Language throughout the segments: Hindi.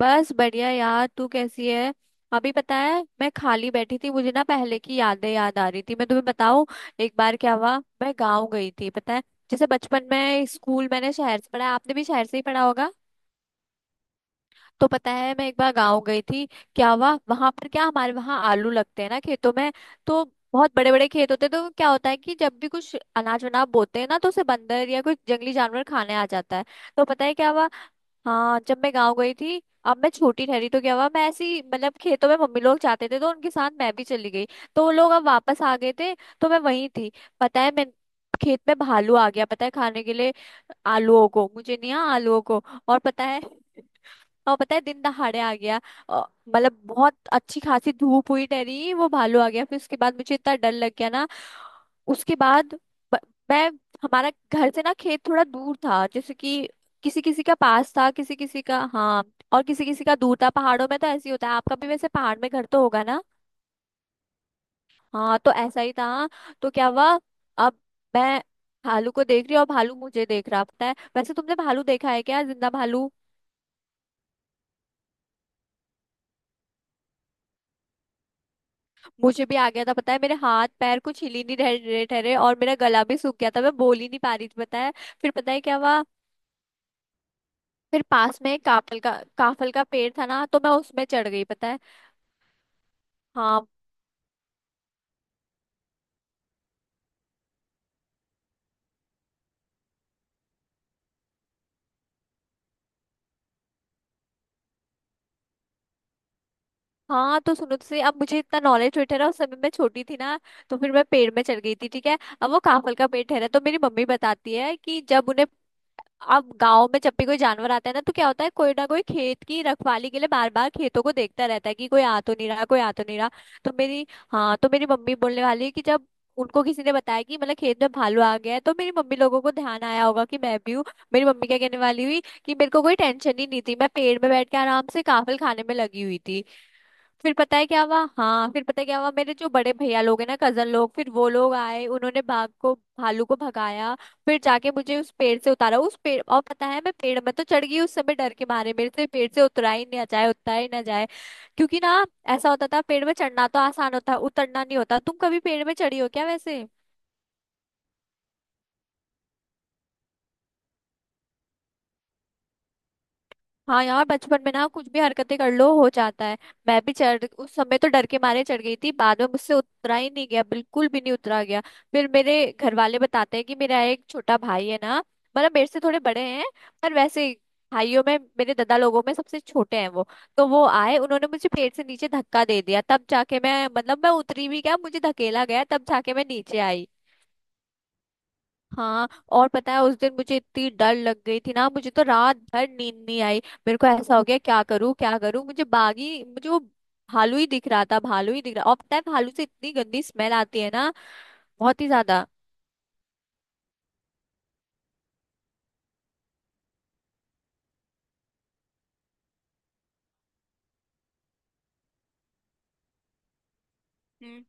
बस बढ़िया यार। तू कैसी है? अभी पता है। मैं खाली बैठी थी, मुझे ना पहले की यादें याद आ रही थी। मैं तुम्हें बताऊं, एक बार क्या हुआ। मैं गांव गई थी पता है। जैसे बचपन में स्कूल मैंने शहर से पढ़ा, आपने भी शहर से ही पढ़ा होगा। तो पता है, मैं एक बार गांव गई थी। क्या हुआ वहां पर? क्या हमारे वहाँ आलू लगते हैं ना खेतों में। तो बहुत बड़े बड़े खेत होते हैं। तो क्या होता है कि जब भी कुछ अनाज वनाज बोते हैं ना, तो उसे बंदर या कुछ जंगली जानवर खाने आ जाता है। तो पता है क्या हुआ? हाँ, जब मैं गांव गई थी, अब मैं छोटी ठहरी, तो क्या हुआ, मैं ऐसी मतलब खेतों में मम्मी लोग जाते थे तो उनके साथ मैं भी चली गई। तो वो लोग अब वापस आ गए थे, तो मैं वहीं थी। पता है, मैं खेत में, भालू आ गया पता है, खाने के लिए आलूओं को। मुझे नहीं, हाँ आलूओं को। और पता है और पता है दिन दहाड़े आ गया। और मतलब बहुत अच्छी खासी धूप हुई, डरी, वो भालू आ गया। फिर उसके बाद मुझे इतना डर लग गया ना। उसके बाद ब- मैं, हमारा घर से ना खेत थोड़ा दूर था, जैसे कि किसी किसी का पास था, किसी किसी का हाँ, और किसी किसी का दूर था पहाड़ों में। तो ऐसे ही होता है, आपका भी वैसे पहाड़ में घर तो होगा ना। हाँ, तो ऐसा ही था। तो क्या हुआ, अब मैं भालू को देख रही हूँ और भालू मुझे देख रहा। पता है, वैसे तुमने भालू देखा है क्या? जिंदा भालू। मुझे भी आ गया था पता है, मेरे हाथ पैर कुछ हिल ही नहीं रहे रहे थे रहे, और मेरा गला भी सूख गया था, मैं बोल ही नहीं पा रही थी पता है। फिर पता है क्या हुआ, फिर पास में एक काफल का पेड़ था ना, तो मैं उसमें चढ़ गई पता है। हाँ हाँ, तो सुनो तो सही, अब मुझे इतना नॉलेज हुई ठहरा, उस समय मैं छोटी थी ना। तो फिर मैं पेड़ में चढ़ गई थी ठीक है। अब वो काफल का पेड़ ठहरा, तो मेरी मम्मी बताती है कि जब उन्हें, अब गांव में जब भी कोई जानवर आता है ना तो क्या होता है, कोई ना कोई खेत की रखवाली के लिए बार बार खेतों को देखता रहता है कि कोई आ तो नहीं रहा, कोई आ तो नहीं रहा। तो मेरी हाँ तो मेरी मम्मी बोलने वाली है कि जब उनको किसी ने बताया कि मतलब खेत में भालू आ गया है, तो मेरी मम्मी लोगों को ध्यान आया होगा कि मैं भी हूँ। मेरी मम्मी क्या कहने वाली हुई, कि मेरे को कोई टेंशन ही नहीं थी, मैं पेड़ में बैठ के आराम से काफल खाने में लगी हुई थी। फिर पता है क्या हुआ, हाँ फिर पता है क्या हुआ, मेरे जो बड़े भैया लोग हैं ना, कजन लोग, फिर वो लोग आए, उन्होंने बाघ को भालू को भगाया। फिर जाके मुझे उस पेड़ से उतारा उस पेड़ और पता है, मैं पेड़ में तो चढ़ गई उस समय डर के मारे, मेरे से पेड़ से उतरा ही नहीं जाए उतरा ही ना जाए। क्योंकि ना ऐसा होता था, पेड़ में चढ़ना तो आसान होता है, उतरना नहीं होता। तुम कभी पेड़ में चढ़ी हो क्या वैसे? हाँ यार, बचपन में ना कुछ भी हरकतें कर लो हो जाता है। मैं भी चढ़ उस समय तो डर के मारे चढ़ गई थी, बाद में मुझसे उतरा ही नहीं गया, बिल्कुल भी नहीं उतरा गया। फिर मेरे घर वाले बताते हैं कि मेरा एक छोटा भाई है ना, मतलब मेरे से थोड़े बड़े हैं, पर वैसे भाइयों में, मेरे दादा लोगों में सबसे छोटे हैं वो। तो वो आए, उन्होंने मुझे पेड़ से नीचे धक्का दे दिया, तब जाके मैं मतलब मैं उतरी भी, क्या, मुझे धकेला गया, तब जाके मैं नीचे आई। हाँ और पता है, उस दिन मुझे इतनी डर लग गई थी ना, मुझे तो रात भर नींद नहीं आई। मेरे को ऐसा हो गया, क्या करूँ क्या करूँ, मुझे वो भालू ही दिख रहा था, भालू ही दिख रहा। और पता है, भालू से इतनी गंदी स्मेल आती है ना, बहुत ही ज्यादा। हम्म।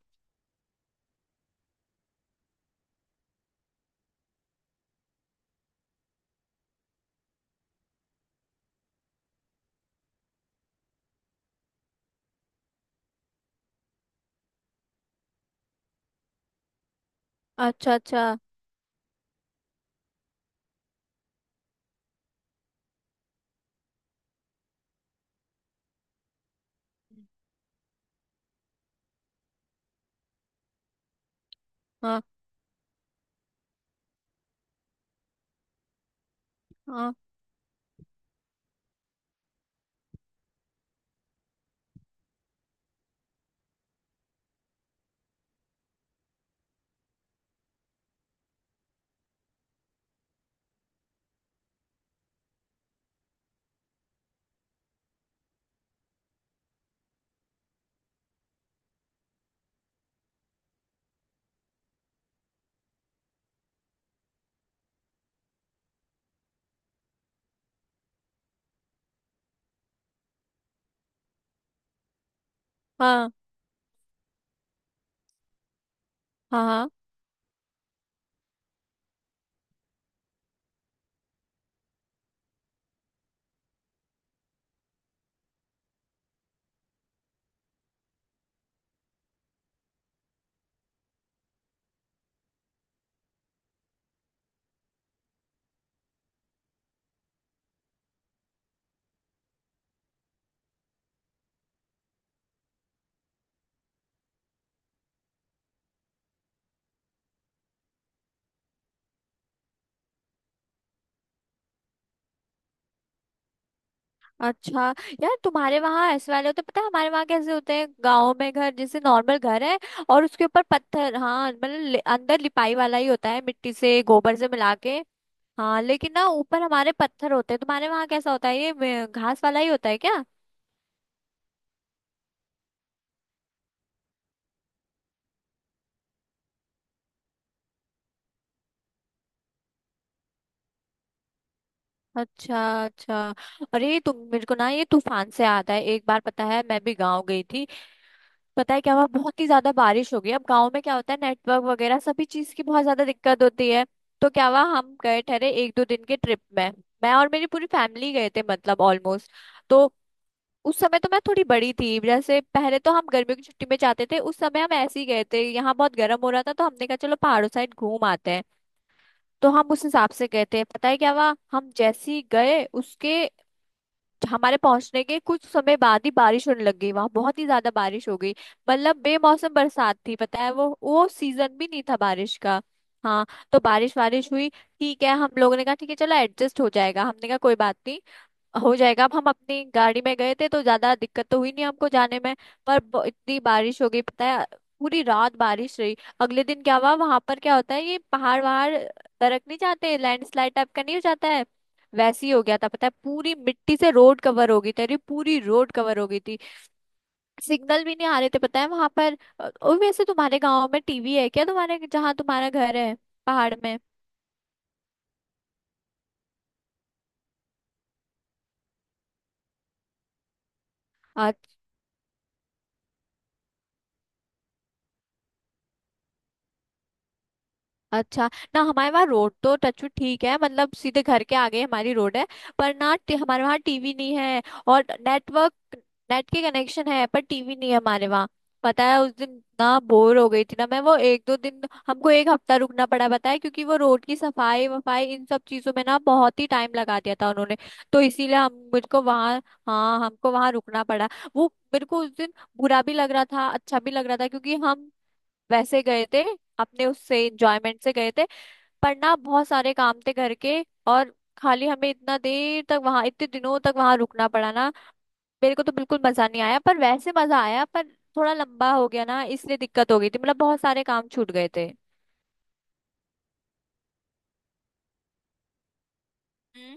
अच्छा अच्छा, हाँ हाँ, हाँ हाँ, हाँ, अच्छा। यार तुम्हारे वहाँ ऐसे वाले होते? पता है हमारे वहाँ कैसे होते हैं? गांव में घर जैसे नॉर्मल घर है, और उसके ऊपर पत्थर, हाँ मतलब अंदर लिपाई वाला ही होता है, मिट्टी से गोबर से मिला के। हाँ लेकिन ना ऊपर हमारे पत्थर होते हैं। तुम्हारे वहां कैसा होता है? ये घास वाला ही होता है क्या? अच्छा अच्छा। अरे तुम मेरे को ना, ये तूफान से आता है, एक बार पता है मैं भी गांव गई थी। पता है क्या हुआ, बहुत ही ज्यादा बारिश हो गई। अब गांव में क्या होता है, नेटवर्क वगैरह सभी चीज की बहुत ज्यादा दिक्कत होती है। तो क्या हुआ, हम गए ठहरे एक दो दिन के ट्रिप में, मैं और मेरी पूरी फैमिली गए थे मतलब ऑलमोस्ट। तो उस समय तो मैं थोड़ी बड़ी थी, जैसे पहले तो हम गर्मियों की छुट्टी में जाते थे, उस समय हम ऐसे ही गए थे, यहाँ बहुत गर्म हो रहा था तो हमने कहा चलो पहाड़ों साइड घूम आते हैं। तो हम उस हिसाब से गए थे। पता है क्या हुआ, हम जैसे ही गए उसके, हमारे पहुंचने के कुछ समय बाद ही बारिश होने लग गई वहां, बहुत ही ज्यादा बारिश हो गई। मतलब बेमौसम बरसात थी पता है, वो सीजन भी नहीं था बारिश का। हाँ। तो बारिश वारिश हुई, ठीक है, हम लोगों ने कहा ठीक है चलो एडजस्ट हो जाएगा, हमने कहा कोई बात नहीं हो जाएगा। अब हम अपनी गाड़ी में गए थे तो ज्यादा दिक्कत तो हुई नहीं हमको जाने में। पर इतनी बारिश हो गई पता है, पूरी रात बारिश रही। अगले दिन क्या हुआ, वहां पर क्या होता है, ये पहाड़ वहाड़ दरक नहीं जाते, लैंडस्लाइड टाइप का नहीं हो जाता है? वैसे ही हो गया था पता है, पूरी मिट्टी से रोड कवर हो गई थी, अरे पूरी रोड कवर हो गई थी। सिग्नल भी नहीं आ रहे थे पता है वहां पर। और वैसे तुम्हारे गांव में टीवी है क्या, तुम्हारे जहाँ तुम्हारा घर है पहाड़ में? अच्छा। ना हमारे वहाँ रोड तो टच वुड ठीक है, मतलब सीधे घर के आगे हमारी रोड है। पर ना हमारे वहाँ टीवी नहीं है, और नेटवर्क, नेट के कनेक्शन है, पर टीवी नहीं है हमारे वहाँ। पता है उस दिन ना बोर हो गई थी ना मैं, वो एक दो दिन, हमको एक हफ्ता रुकना पड़ा पता है, क्योंकि वो रोड की सफाई वफाई इन सब चीजों में ना बहुत ही टाइम लगा दिया था उन्होंने। तो इसीलिए हम मुझको वहाँ, हाँ हमको वहाँ रुकना पड़ा। वो, मेरे को उस दिन बुरा भी लग रहा था, अच्छा भी लग रहा था, क्योंकि हम वैसे गए थे, अपने उससे एंजॉयमेंट से गए थे। पर ना बहुत सारे काम थे घर के, और खाली हमें इतना देर तक वहां, इतने दिनों तक वहां रुकना पड़ा ना, मेरे को तो बिल्कुल मजा नहीं आया, पर वैसे मजा आया, पर थोड़ा लंबा हो गया ना, इसलिए दिक्कत हो गई थी, मतलब बहुत सारे काम छूट गए थे। हम्म।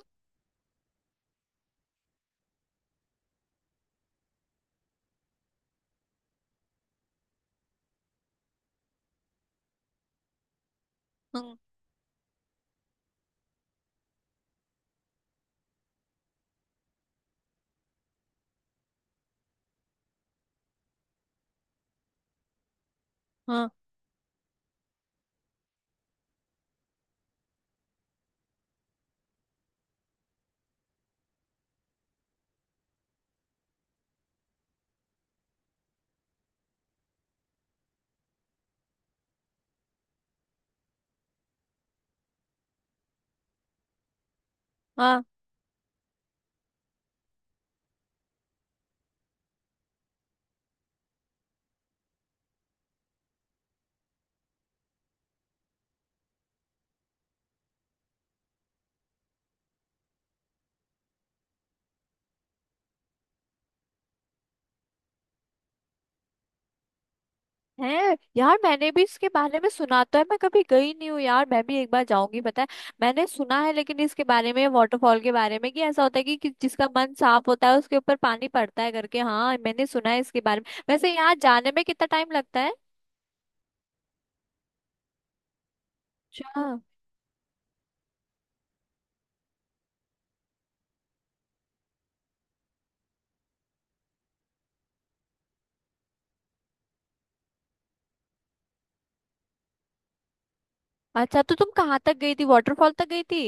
हम्म, हाँ हाँ। है यार, मैंने भी इसके बारे में सुना तो है, मैं कभी गई नहीं हूँ यार, मैं भी एक बार जाऊंगी पता है। मैंने सुना है लेकिन इसके बारे में, वाटरफॉल के बारे में, कि ऐसा होता है कि जिसका मन साफ होता है उसके ऊपर पानी पड़ता है करके, हाँ मैंने सुना है इसके बारे में। वैसे यहाँ जाने में कितना टाइम लगता है? अच्छा अच्छा। तो तुम कहाँ तक गई थी, वाटरफॉल तक गई थी?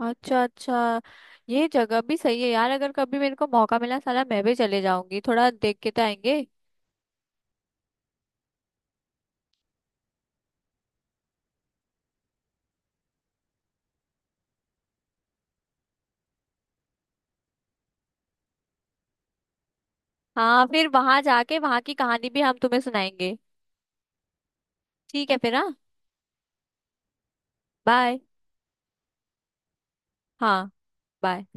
अच्छा अच्छा। ये जगह भी सही है यार, अगर कभी मेरे को मौका मिला, साला मैं भी चले जाऊंगी, थोड़ा देख के तो आएंगे। हाँ फिर वहां जाके वहां की कहानी भी हम तुम्हें सुनाएंगे। ठीक है फिर, हाँ। बाय। हाँ, बाय।